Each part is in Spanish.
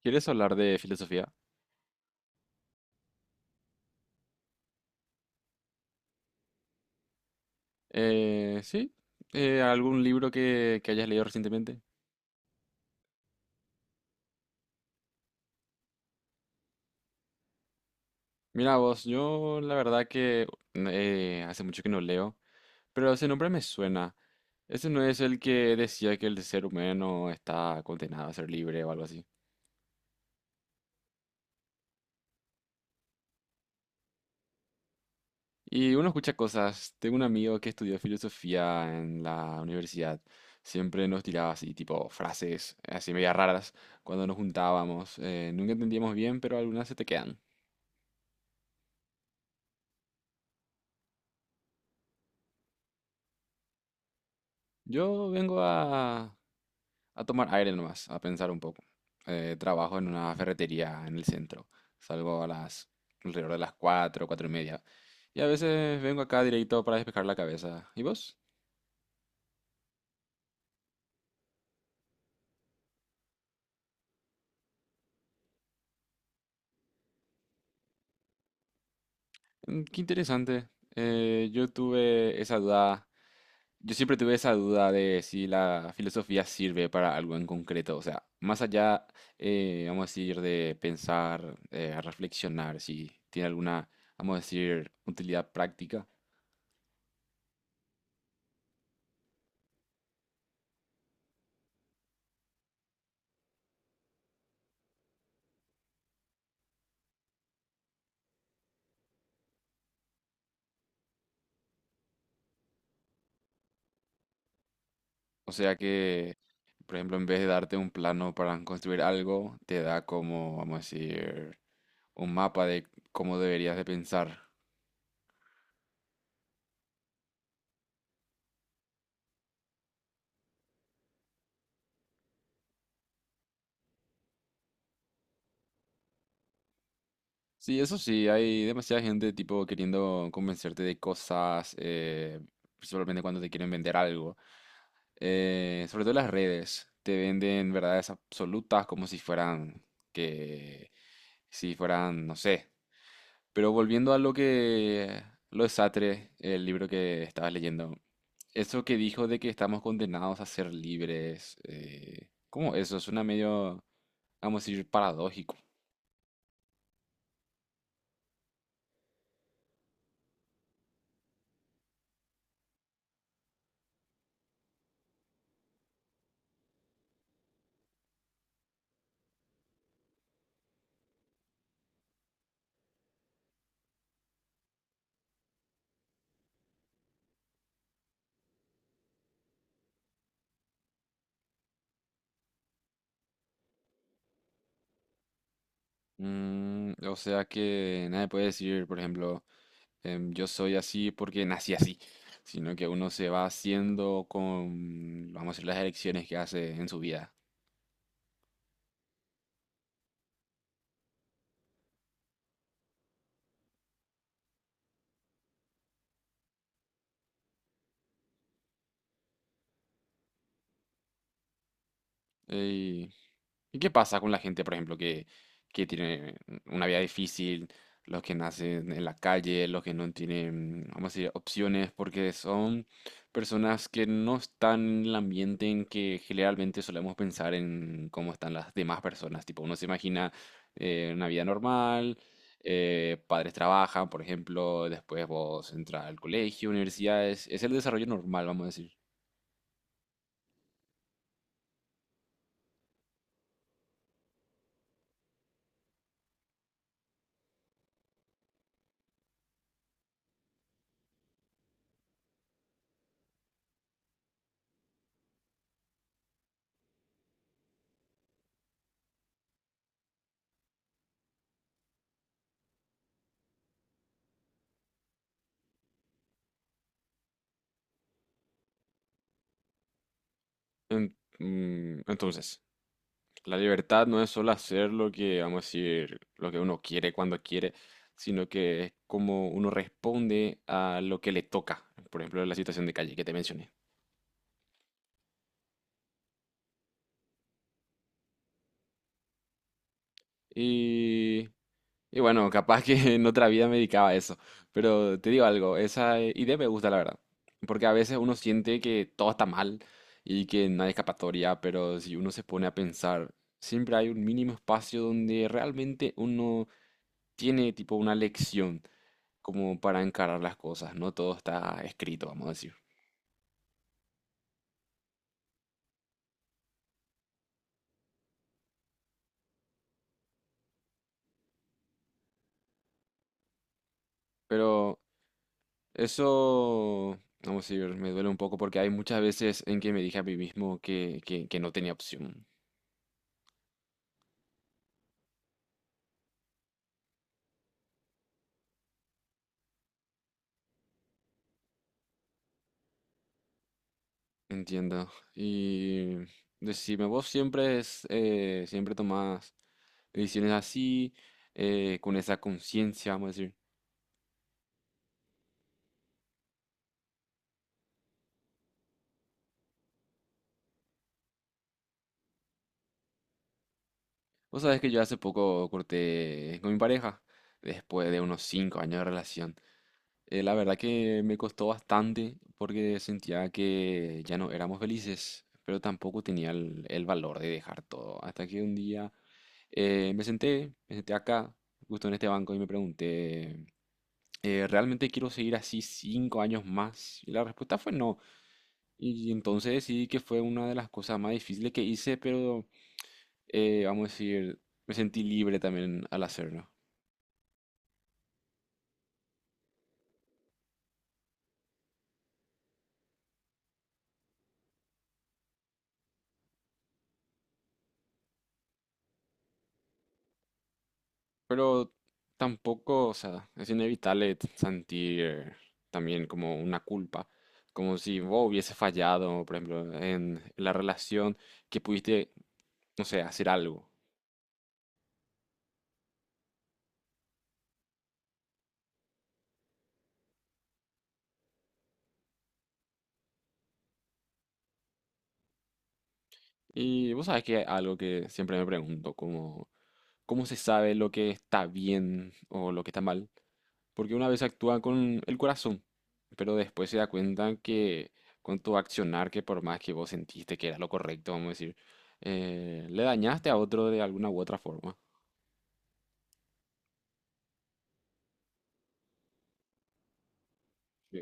¿Quieres hablar de filosofía? Sí. ¿Algún libro que hayas leído recientemente? Mira vos, yo la verdad que hace mucho que no leo, pero ese nombre me suena. Ese no es el que decía que el ser humano está condenado a ser libre o algo así. Y uno escucha cosas. Tengo un amigo que estudió filosofía en la universidad. Siempre nos tiraba así, tipo, frases así media raras cuando nos juntábamos. Nunca entendíamos bien, pero algunas se te quedan. Yo vengo a, a tomar aire nomás, a pensar un poco. Trabajo en una ferretería en el centro. Salgo a las alrededor de las 4, 4 y media. Y a veces vengo acá directo para despejar la cabeza. ¿Y vos? Mm, qué interesante. Yo tuve esa duda. Yo siempre tuve esa duda de si la filosofía sirve para algo en concreto. O sea, más allá, vamos a decir, de pensar, reflexionar, si tiene alguna, vamos a decir, utilidad práctica. O sea que, por ejemplo, en vez de darte un plano para construir algo, te da como, vamos a decir, un mapa de cómo deberías de pensar. Sí, eso sí, hay demasiada gente tipo queriendo convencerte de cosas, principalmente cuando te quieren vender algo. Sobre todo las redes te venden verdades absolutas como si fueran que, si fueran, no sé. Pero volviendo lo de Sartre, el libro que estabas leyendo, eso que dijo de que estamos condenados a ser libres, ¿cómo eso? Suena medio, vamos a decir, paradójico. Mm, o sea que nadie puede decir, por ejemplo, yo soy así porque nací así, sino que uno se va haciendo con, vamos a decir, las elecciones que hace en su vida. ¿Y qué pasa con la gente, por ejemplo, que tiene una vida difícil, los que nacen en la calle, los que no tienen, vamos a decir, opciones, porque son personas que no están en el ambiente en que generalmente solemos pensar en cómo están las demás personas? Tipo, uno se imagina una vida normal, padres trabajan, por ejemplo, después vos entras al colegio, universidades, es el desarrollo normal, vamos a decir. Entonces, la libertad no es solo hacer lo que, vamos a decir, lo que uno quiere cuando quiere, sino que es como uno responde a lo que le toca. Por ejemplo, la situación de calle que te mencioné. Y, y bueno, capaz que en otra vida me dedicaba a eso. Pero te digo algo, esa idea me gusta, la verdad. Porque a veces uno siente que todo está mal y que no hay escapatoria, pero si uno se pone a pensar, siempre hay un mínimo espacio donde realmente uno tiene tipo una lección, como para encarar las cosas, no todo está escrito, vamos a decir. Pero eso, vamos a decir, me duele un poco porque hay muchas veces en que me dije a mí mismo que no tenía opción. Entiendo. Y decime, siempre tomás decisiones así, con esa conciencia, vamos a decir. Vos sabés que yo hace poco corté con mi pareja, después de unos 5 años de relación. La verdad que me costó bastante porque sentía que ya no éramos felices, pero tampoco tenía el valor de dejar todo. Hasta que un día me senté acá, justo en este banco, y me pregunté, ¿realmente quiero seguir así 5 años más? Y la respuesta fue no. Y entonces decidí que fue una de las cosas más difíciles que hice, pero vamos a decir, me sentí libre también al hacerlo. Pero tampoco, o sea, es inevitable sentir también como una culpa, como si vos hubiese fallado, por ejemplo, en la relación, que pudiste, no sé, hacer algo. Y vos sabés que algo que siempre me pregunto, como, ¿cómo se sabe lo que está bien o lo que está mal? Porque una vez actúa con el corazón, pero después se da cuenta que con tu accionar, que por más que vos sentiste que era lo correcto, vamos a decir, le dañaste a otro de alguna u otra forma. Sí.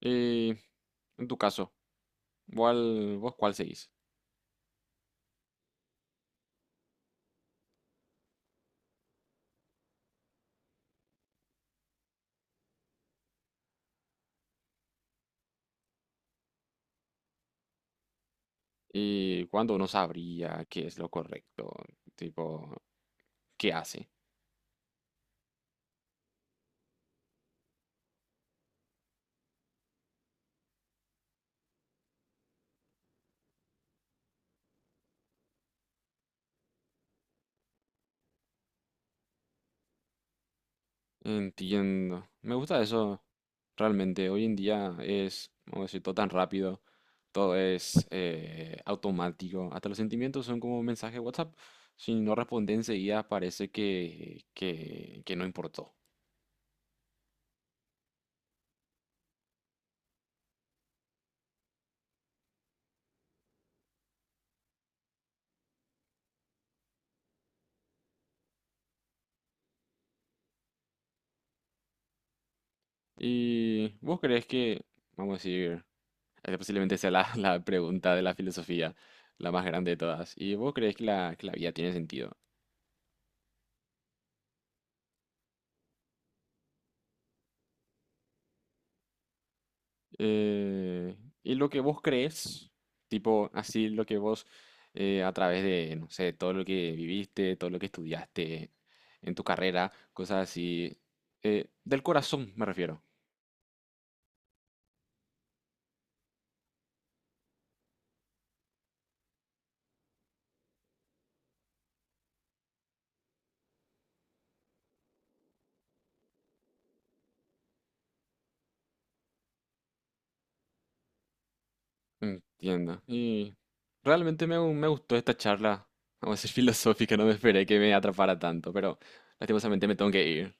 Y en tu caso, vos ¿cuál seguís? ¿Y cuándo uno sabría qué es lo correcto? Tipo, ¿qué hace? Entiendo. Me gusta eso realmente. Hoy en día es, vamos a decir, todo tan rápido, todo es automático. Hasta los sentimientos son como mensaje de WhatsApp. Si no responde enseguida, parece que no importó. ¿Y vos crees que, vamos a decir, esta posiblemente sea la, la pregunta de la filosofía, la más grande de todas? ¿Y vos crees que que la vida tiene sentido? Eh, ¿Y lo que vos crees, tipo así lo que vos a través de, no sé, todo lo que viviste, todo lo que estudiaste en tu carrera, cosas así, del corazón me refiero? Entiendo. Y realmente me gustó esta charla, vamos a decir filosófica, no me esperé que me atrapara tanto, pero lastimosamente me tengo que ir.